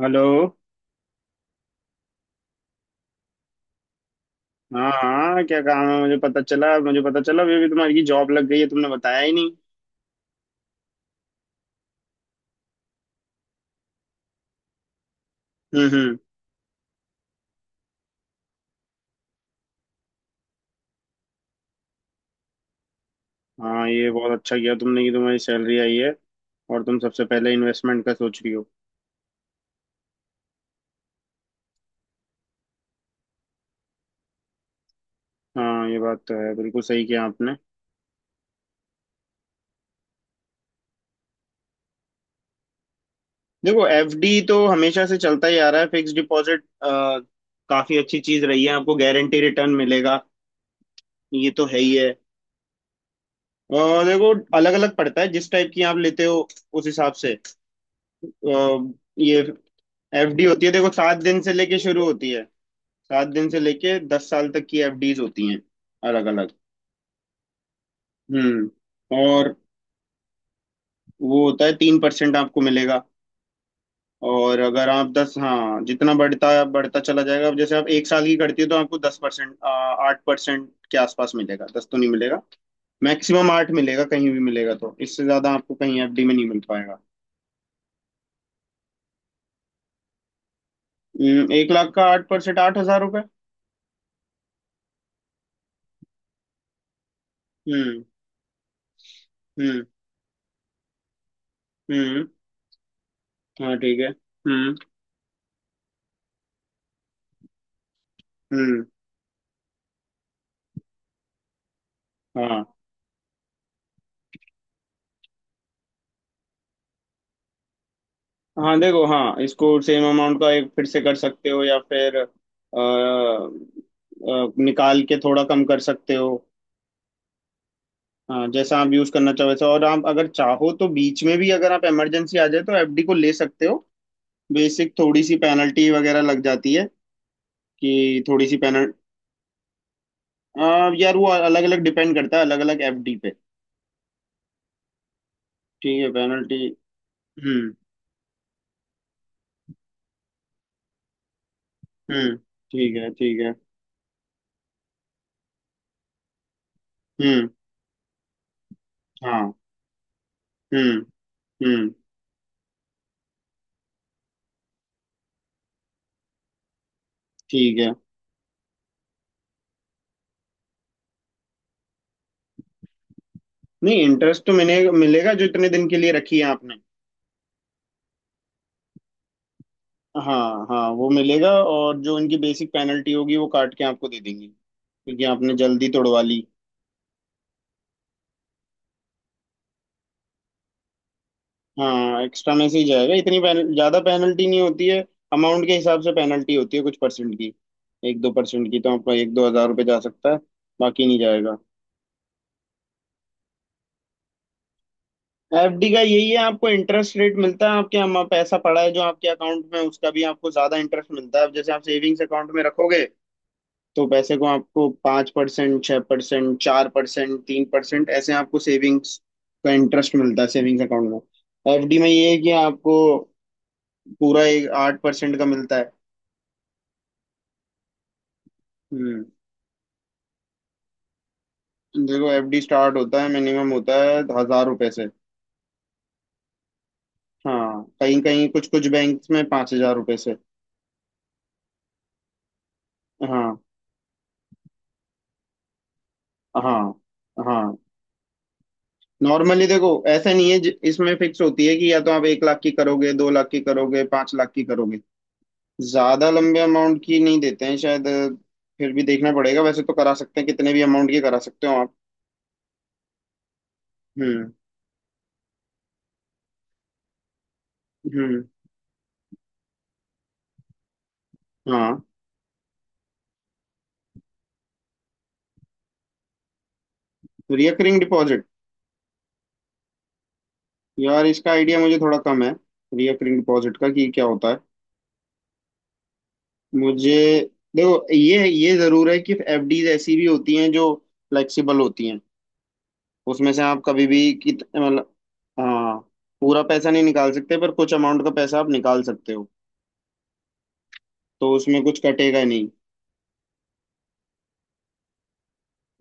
Hello. हाँ हाँ, क्या काम है? मुझे पता चला अभी अभी तुम्हारी की जॉब लग गई है। तुमने बताया ही नहीं। हम्म। हम्म। हाँ, ये बहुत अच्छा किया तुमने कि तुम्हारी सैलरी आई है और तुम सबसे पहले इन्वेस्टमेंट का सोच रही हो। हाँ, ये बात तो है। बिल्कुल सही किया आपने। देखो, एफडी तो हमेशा से चलता ही आ रहा है। फिक्स्ड डिपॉजिट काफी अच्छी चीज रही है। आपको गारंटी रिटर्न मिलेगा। ये तो है ही है। और देखो, अलग अलग पड़ता है, जिस टाइप की आप लेते हो उस हिसाब से। अ, ये एफडी होती है। देखो, 7 दिन से लेके शुरू होती है। 7 दिन से लेके 10 साल तक की एफडीज होती हैं, अलग अलग। हम्म। और वो होता है 3% आपको मिलेगा। और अगर आप दस, हाँ, जितना बढ़ता बढ़ता चला जाएगा। अब जैसे आप 1 साल की करती हो तो आपको 10% 8% के आसपास मिलेगा, दस तो नहीं मिलेगा। मैक्सिमम आठ मिलेगा कहीं भी, मिलेगा तो इससे ज्यादा आपको कहीं एफडी में नहीं मिल पाएगा। 1 लाख का 8%, 8,000 रुपये। हम्म। हम्म। हम्म। हाँ, ठीक है। हम्म। हम्म। हाँ हाँ, देखो, हाँ, इसको सेम अमाउंट का एक फिर से कर सकते हो या फिर निकाल के थोड़ा कम कर सकते हो। हाँ, जैसा आप यूज करना चाहो वैसा। और आप अगर चाहो तो बीच में भी, अगर आप इमरजेंसी आ जाए तो एफडी को ले सकते हो। बेसिक थोड़ी सी पेनल्टी वगैरह लग जाती है। कि थोड़ी सी पेनल्टी। यार, वो अलग अलग डिपेंड करता है, अलग अलग एफडी पे। ठीक है, पेनल्टी। हम्म। हम्म। ठीक है, ठीक है। हम्म। हाँ। हम्म। हम्म। ठीक है। नहीं, इंटरेस्ट तो मिलेगा, मिलेगा जो इतने दिन के लिए रखी है आपने। हाँ हाँ, वो मिलेगा। और जो इनकी बेसिक पेनल्टी होगी वो काट के आपको दे देंगी, क्योंकि आपने जल्दी तोड़वा ली। हाँ, एक्स्ट्रा में से ही जाएगा। इतनी पेनल ज्यादा पेनल्टी नहीं होती है। अमाउंट के हिसाब से पेनल्टी होती है, कुछ परसेंट की। एक दो परसेंट की, तो आपका एक दो हजार रुपये जा सकता है। बाकी नहीं जाएगा। एफडी का यही है, आपको इंटरेस्ट रेट मिलता है। आपके यहाँ पैसा पड़ा है जो आपके अकाउंट में, उसका भी आपको ज्यादा इंटरेस्ट मिलता है। अब जैसे आप सेविंग्स अकाउंट में रखोगे, तो पैसे को आपको 5%, 6%, 4%, 3%, ऐसे आपको सेविंग्स का इंटरेस्ट मिलता है सेविंग्स अकाउंट में। एफडी में ये है कि आपको पूरा एक 8% का मिलता है। हम्म। देखो, एफडी स्टार्ट होता है, मिनिमम होता है हजार रुपए से। हाँ, कहीं कहीं कुछ कुछ बैंक्स में 5,000 रुपए से। हाँ। हाँ। हाँ। नॉर्मली देखो, ऐसा नहीं है। ज- इसमें फिक्स होती है कि या तो आप 1 लाख की करोगे, 2 लाख की करोगे, 5 लाख की करोगे। ज्यादा लंबे अमाउंट की नहीं देते हैं शायद फिर भी देखना पड़ेगा। वैसे तो करा सकते हैं, कितने भी अमाउंट की करा सकते हो आप। हम्म। हम्म। हाँ। रिकरिंग डिपॉजिट, यार इसका आइडिया मुझे थोड़ा कम है। रिकरिंग डिपॉजिट का कि क्या होता है मुझे। देखो, ये जरूर है कि एफडीज ऐसी भी होती हैं जो फ्लेक्सिबल होती हैं। उसमें से आप कभी भी कित, मतलब, हाँ, पूरा पैसा नहीं निकाल सकते, पर कुछ अमाउंट का पैसा आप निकाल सकते हो। तो उसमें कुछ कटेगा नहीं।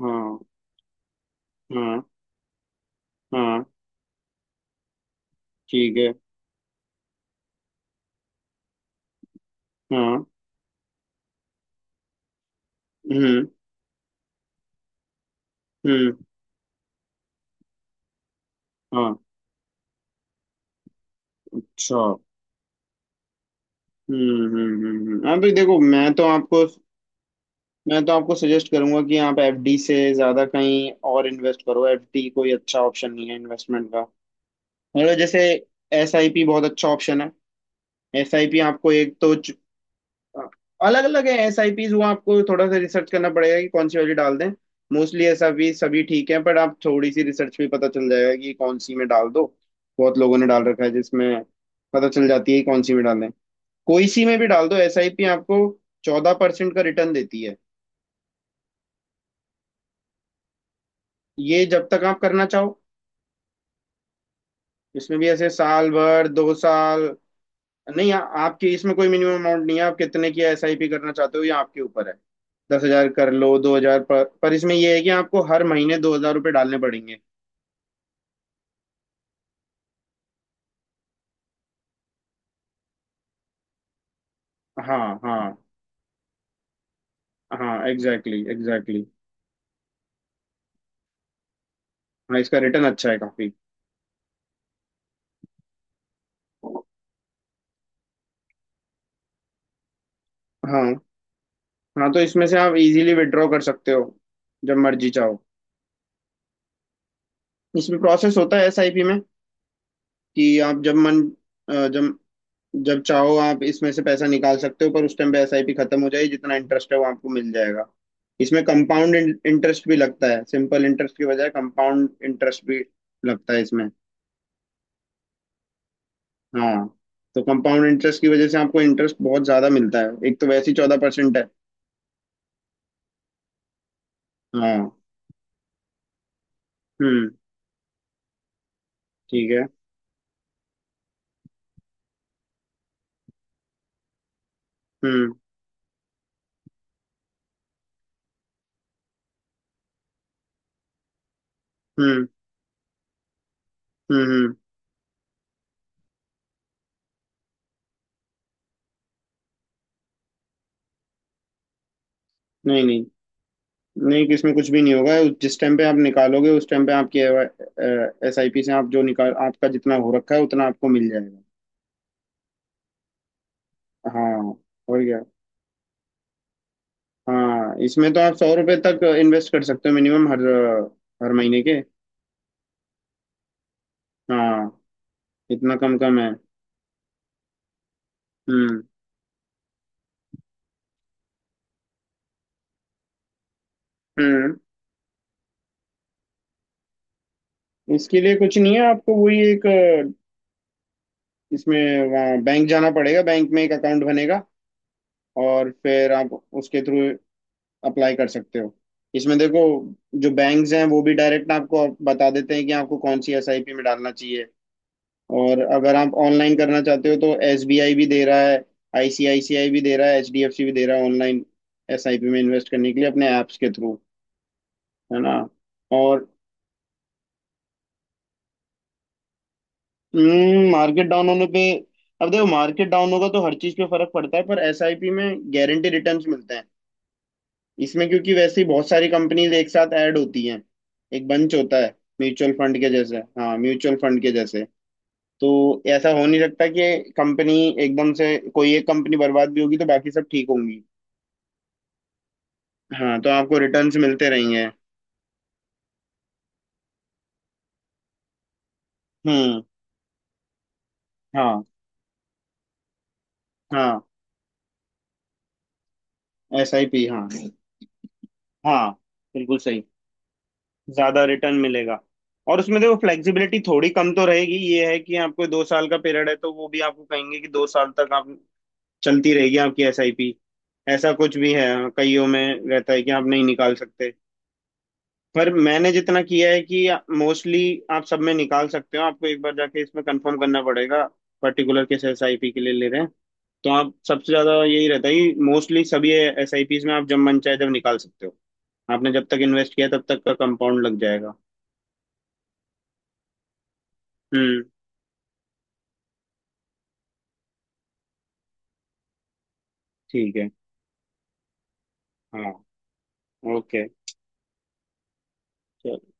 हाँ। हाँ। हाँ। ठीक है। हाँ। हम्म। हम्म। हाँ। अच्छा। हम्म। हम्म। हम्म। हम्म। हाँ भाई, देखो, मैं तो आपको सजेस्ट करूंगा कि आप एफडी से ज्यादा कहीं और इन्वेस्ट करो। एफडी कोई अच्छा ऑप्शन नहीं है इन्वेस्टमेंट का। मतलब जैसे एसआईपी बहुत अच्छा ऑप्शन है। एसआईपी आपको एक तो अलग अलग है, एस आई पीज। वो आपको थोड़ा सा रिसर्च करना पड़ेगा कि कौन सी वाली डाल दें। मोस्टली एस आई पी सभी ठीक है, पर आप थोड़ी सी रिसर्च में पता चल जाएगा कि कौन सी में डाल दो। बहुत लोगों ने डाल रखा है जिसमें, पता चल जाती है कि कौन सी में डालें। कोई सी में भी डाल दो एस आई पी। आपको 14% का रिटर्न देती है। ये जब तक आप करना चाहो। इसमें भी ऐसे साल भर, 2 साल। नहीं आपकी इसमें कोई मिनिमम अमाउंट नहीं है। आप कितने की एसआईपी करना चाहते हो, ये आपके ऊपर है। 10,000 कर लो, 2,000, पर इसमें ये है कि आपको हर महीने 2,000 रुपये डालने पड़ेंगे। हाँ। हाँ। हाँ, एग्जैक्टली एग्जैक्टली। हाँ, इसका रिटर्न अच्छा है काफी। हाँ। हाँ, तो इसमें से आप इजीली विड्रॉ कर सकते हो, जब मर्जी चाहो। इसमें प्रोसेस होता है एसआईपी में कि आप जब मन जब जब चाहो आप इसमें से पैसा निकाल सकते हो, पर उस टाइम पे एसआईपी खत्म हो जाएगी, जितना इंटरेस्ट है वो आपको मिल जाएगा। इसमें कंपाउंड इंटरेस्ट भी लगता है, सिंपल इंटरेस्ट की बजाय कंपाउंड इंटरेस्ट भी लगता है इसमें। हाँ, तो कंपाउंड इंटरेस्ट की वजह से आपको इंटरेस्ट बहुत ज्यादा मिलता है, एक तो वैसे ही 14% है। हाँ। हम्म। ठीक है। हम्म। हम्म। हम्म। हम्म। नहीं नहीं, नहीं इसमें कुछ भी नहीं होगा। जिस टाइम पे आप निकालोगे, उस टाइम पे आपकी एस आई पी से आप जो निकाल, आपका जितना हो रखा है उतना आपको मिल जाएगा। हाँ। और क्या। हाँ, इसमें तो आप 100 रुपए तक इन्वेस्ट कर सकते हो मिनिमम, हर हर महीने के। हाँ। इतना कम कम है। हम्म। हम्म। इसके लिए कुछ नहीं है, आपको वही एक इसमें वहाँ बैंक जाना पड़ेगा, बैंक में एक अकाउंट बनेगा। और फिर आप उसके थ्रू अप्लाई कर सकते हो। इसमें देखो, जो बैंक्स हैं वो भी डायरेक्ट आपको बता देते हैं कि आपको कौन सी एसआईपी में डालना चाहिए। और अगर आप ऑनलाइन करना चाहते हो तो एसबीआई भी दे रहा है, आईसीआईसीआई भी दे रहा है, एचडीएफसी भी दे रहा है, ऑनलाइन एसआईपी में इन्वेस्ट करने के लिए अपने ऐप्स के थ्रू, है ना। और मार्केट डाउन होने पे, अब देखो, मार्केट डाउन होगा तो हर चीज पे फर्क पड़ता है, पर एसआईपी में गारंटी रिटर्न्स मिलते हैं इसमें, क्योंकि वैसे ही बहुत सारी कंपनीज एक साथ ऐड होती हैं, एक बंच होता है, म्यूचुअल फंड के जैसे, हाँ म्यूचुअल फंड के जैसे। तो ऐसा हो नहीं सकता कि कंपनी एकदम से, कोई एक कंपनी बर्बाद भी होगी तो बाकी सब ठीक होंगी। हाँ, तो आपको रिटर्न्स मिलते रहेंगे। हम्म। हाँ। हाँ, एस आई पी, हाँ। हाँ, बिल्कुल सही। ज्यादा रिटर्न मिलेगा। और उसमें देखो, फ्लेक्सिबिलिटी थोड़ी कम तो रहेगी। ये है कि आपको 2 साल का पीरियड है तो वो भी आपको कहेंगे कि 2 साल तक आप, चलती रहेगी आपकी एस आई पी। ऐसा कुछ भी है, हाँ, कईयों में रहता है कि आप नहीं निकाल सकते। पर मैंने जितना किया है कि, मोस्टली आप सब में निकाल सकते हो। आपको एक बार जाके इसमें कंफर्म करना पड़ेगा, पर्टिकुलर किस एस आई पी के लिए ले रहे हैं। तो आप सबसे ज्यादा यही रहता है कि मोस्टली सभी एस आई पीज में आप जब मन चाहे जब निकाल सकते हो। आपने जब तक इन्वेस्ट किया तब तक का कंपाउंड लग जाएगा। हम्म। ठीक है। हाँ। ओके।